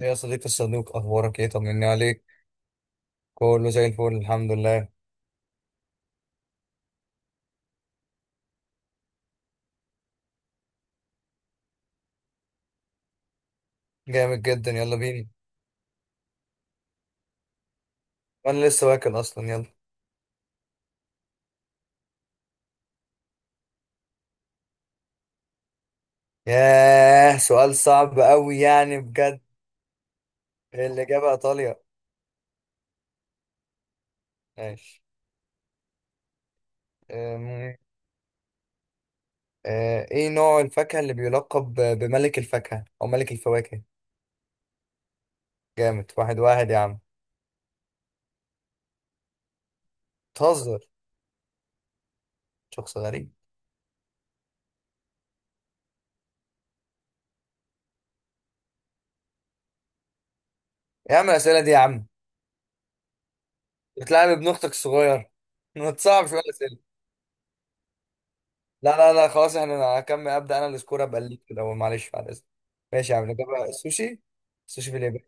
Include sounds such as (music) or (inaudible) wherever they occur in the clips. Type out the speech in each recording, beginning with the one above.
يا صديقي الصدوق، اخبارك ايه؟ طمني عليك. كله زي الفل، الحمد لله. جامد جدا، يلا بينا. وانا لسه واكل اصلا، يلا. ياه، سؤال صعب قوي يعني بجد. الاجابه ايطاليا. ماشي. أم، ايه نوع الفاكهه اللي بيلقب بملك الفاكهه او ملك الفواكه؟ جامد، واحد واحد يا عم. بتهزر؟ شخص غريب. يا عم الاسئله دي يا عم، بتلعب ابن اختك الصغير (laughs) ما تصعبش بقى الاسئله. لا لا لا خلاص، احنا انا هكمل، ابدا انا السكور ابقى ليك كده، معلش بعد اذنك. ماشي يا عم، نجيبها السوشي. السوشي في اليابان.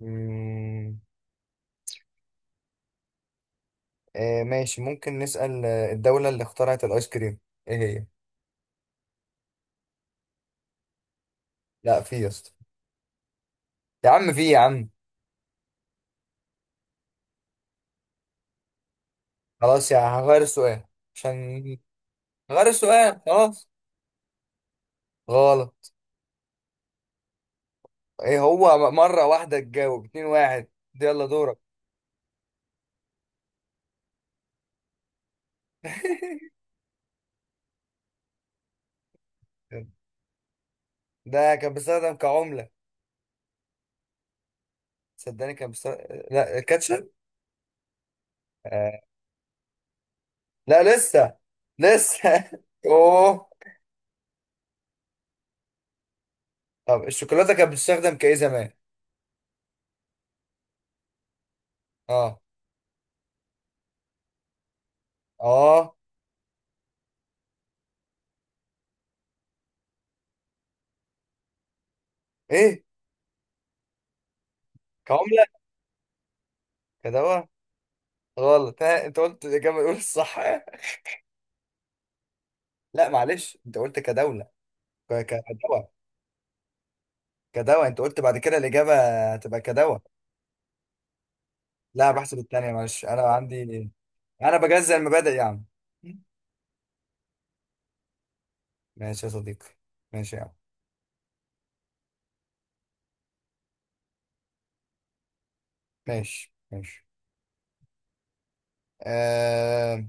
مم، ماشي، ممكن نسال الدوله اللي اخترعت الايس كريم. ايه هي؟ لا، في يا اسطى. يا عم في يا عم. خلاص، يا هغير السؤال. عشان غير السؤال خلاص. غلط. ايه هو؟ مره واحده تجاوب، اتنين واحد. يلا دورك. (laughs) ده كان بيستخدم كعمله. صدقني كان بيستخدم. لا، الكاتشب. لا لسه. لسه (laughs) اوه. طب الشوكولاته كانت بتستخدم كايه زمان؟ اه. اه. ايه؟ كعمله. كدواء. غلط. ها، انت قلت الاجابه الاولى الصح (laughs) لا معلش، انت قلت كدوله. كدواء. كدواء انت قلت، بعد كده الاجابه هتبقى كدواء. لا بحسب الثانيه معلش، انا عندي. انا بجزء المبادئ يا عم. ماشي يا صديقي. ماشي يا عم. ماشي ماشي. آه...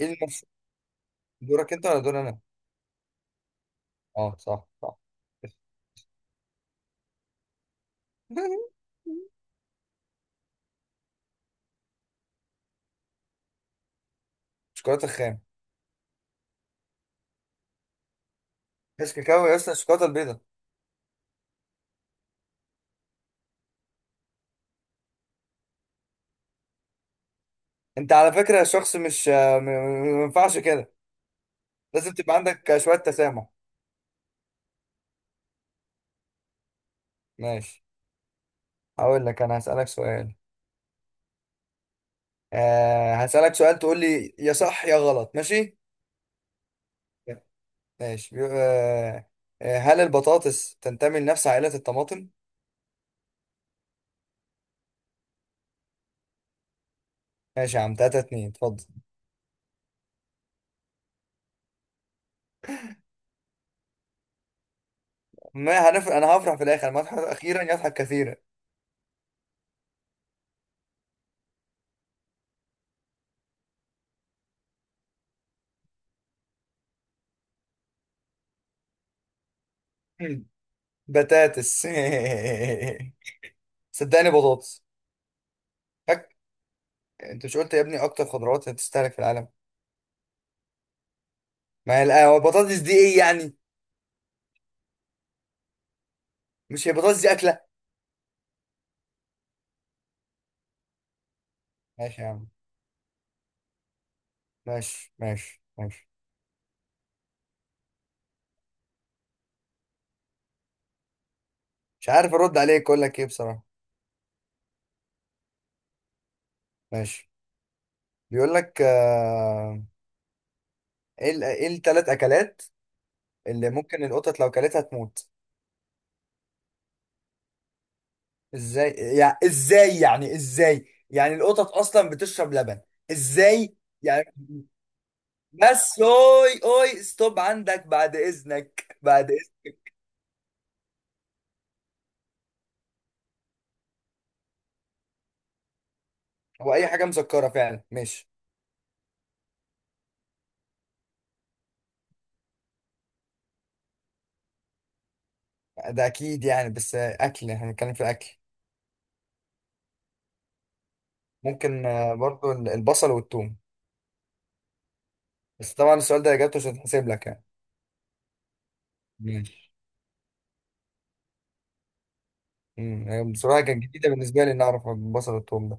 ايه المفروض؟ دورك انت ولا دور انا؟ اه، صح صح. (laughs) شوكولاته خام. مفيش كاكاو يا اسطى، الشوكولاته البيضاء. انت على فكره شخص مش ما ينفعش كده. لازم تبقى عندك شويه تسامح. ماشي. هقول لك انا هسالك سؤال. هسالك سؤال تقول لي يا صح يا غلط، ماشي؟ ماشي. هل البطاطس تنتمي لنفس عائله الطماطم؟ ماشي يا عم، 3-2. اتفضل. ما هنف... انا هفرح في الاخر، ما اضحك اخيرا يضحك كثيرا. مم. بطاطس (laughs) صدقني بطاطس. فك. انت مش قلت يا ابني اكتر خضروات هتستهلك في العالم؟ ما هي القهوة، البطاطس دي ايه يعني؟ مش هي البطاطس دي اكلة؟ ماشي يا عم. ماشي ماشي ماشي. مش عارف ارد عليك اقول لك ايه بصراحة. ماشي. بيقول لك ايه الثلاث اكلات اللي ممكن القطط لو كلتها تموت؟ ازاي؟ يعني ازاي، يعني ازاي، يعني القطط اصلا بتشرب لبن؟ ازاي؟ يعني، بس اوي اوي، ستوب عندك، بعد اذنك بعد اذنك. هو اي حاجة مسكرة فعلا، ماشي. ده اكيد يعني، بس اكل احنا بنتكلم في الاكل. ممكن برضو البصل والثوم. بس طبعا السؤال ده اجابته مش هتحسب لك يعني. ماشي. بصراحه كانت جديده بالنسبه لي ان اعرف البصل والثوم ده.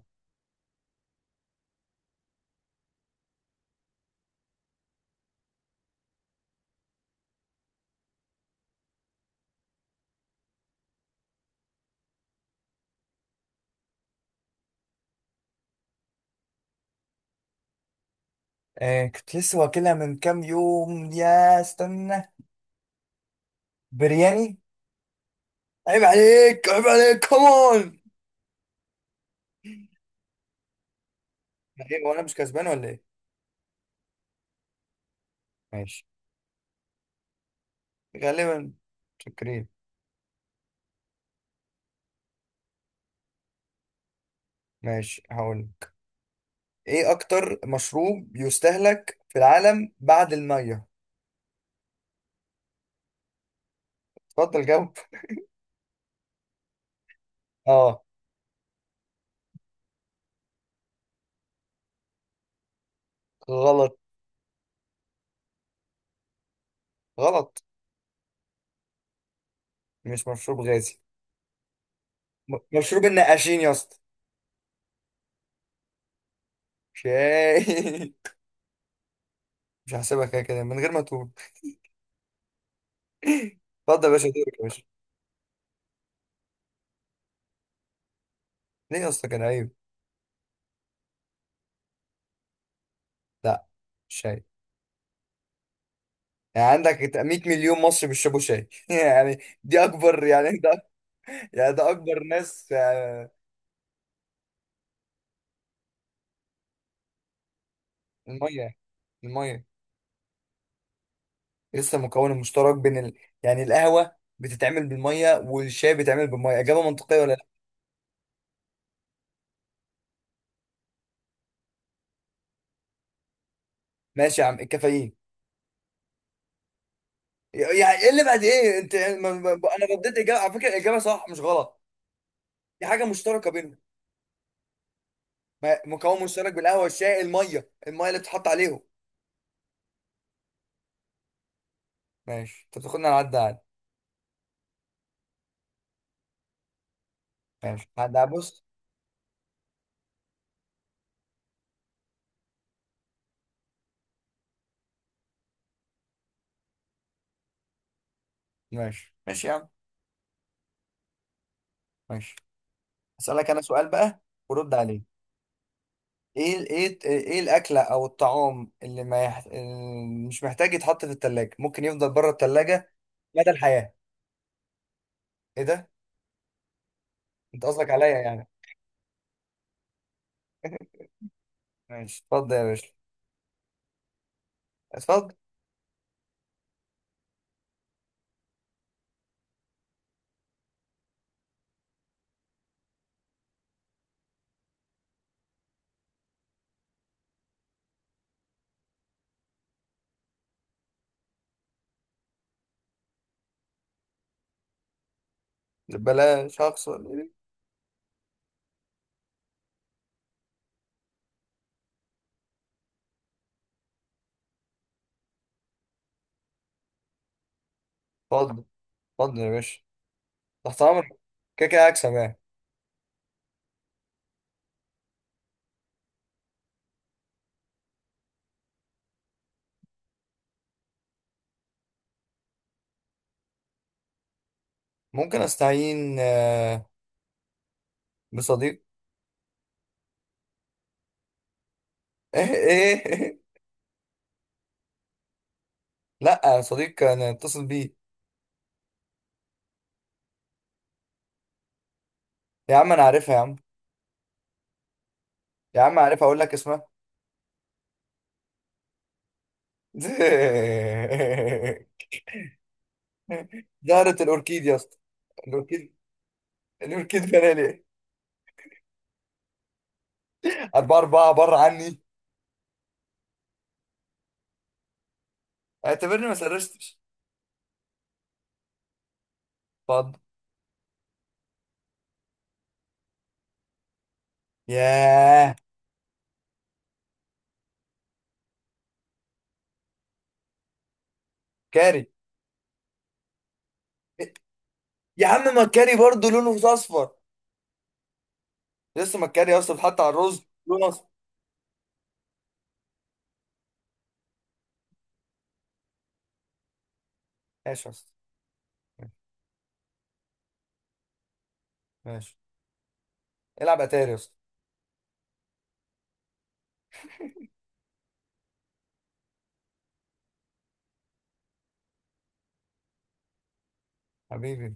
كنت لسه واكلها من كام يوم يا استنى. برياني. عيب عليك عيب عليك كمان. ايه، وانا مش كسبان ولا ايه؟ ماشي. غالبا. شكرين. ماشي هقول. ايه اكتر مشروب يستهلك في العالم بعد الميه؟ اتفضل جاوب. (laughs) اه. غلط. غلط. مش مشروب غازي. مشروب النقاشين يا اسطى. شاي (laughs) مش هحسبها كده كده من غير ما تقول. (laughs) اتفضل يا باشا، دورك يا باشا. ليه يا اسطى، كان عيب؟ لا. شاي. يعني عندك 100 مليون مصري بيشربوا شاي (laughs) يعني. دي اكبر يعني ده. يعني ده اكبر ناس الميه الميه. لسه مكون المشترك بين يعني القهوه بتتعمل بالميه والشاي بيتعمل بالميه، اجابه منطقيه ولا لا؟ ماشي يا عم، الكافيين. يعني، ايه اللي بعد ايه؟ انت انا رديت اجابه على فكره، الاجابه صح مش غلط. دي حاجه مشتركه بينهم. مكون مشترك بالقهوه والشاي، الميه الميه اللي بتتحط عليهم. ماشي، انت بتاخدنا على عدى عادي. ماشي عدى على، بص. ماشي ماشي يا عم. ماشي، اسالك انا سؤال بقى، ورد عليه. ايه الاكله او الطعام اللي ما يح... اللي مش محتاج يتحط في التلاجة، ممكن يفضل بره التلاجة مدى الحياه. ايه ده؟ انت قصدك عليا يعني؟ (laughs) ماشي، اتفضل يا باشا. اتفضل. بلاش هخسر. اتفضل. اتفضل يا باشا. تحت امرك. كده كده هكسب يعني. ممكن استعين بصديق. ايه ايه إيه؟ لا يا صديق انا اتصل بيه. يا عم انا عارفها يا عم. يا عم عارفها، اقول لك اسمها؟ (laughs) زهرة الاوركيد يا اسطى. الاوركيد. الاوركيد فنالي. (laughs) اربعة اربعة، بره عني. اعتبرني ما سرشتش. اتفضل. ياه. كاري. يا عم ما الكاري برضه لونه اصفر. لسه، ما الكاري يا اسطى اتحط على الرز لونه اصفر. ماشي يا اسطى. ماشي، العب اتاري يا اسطى. حبيبي.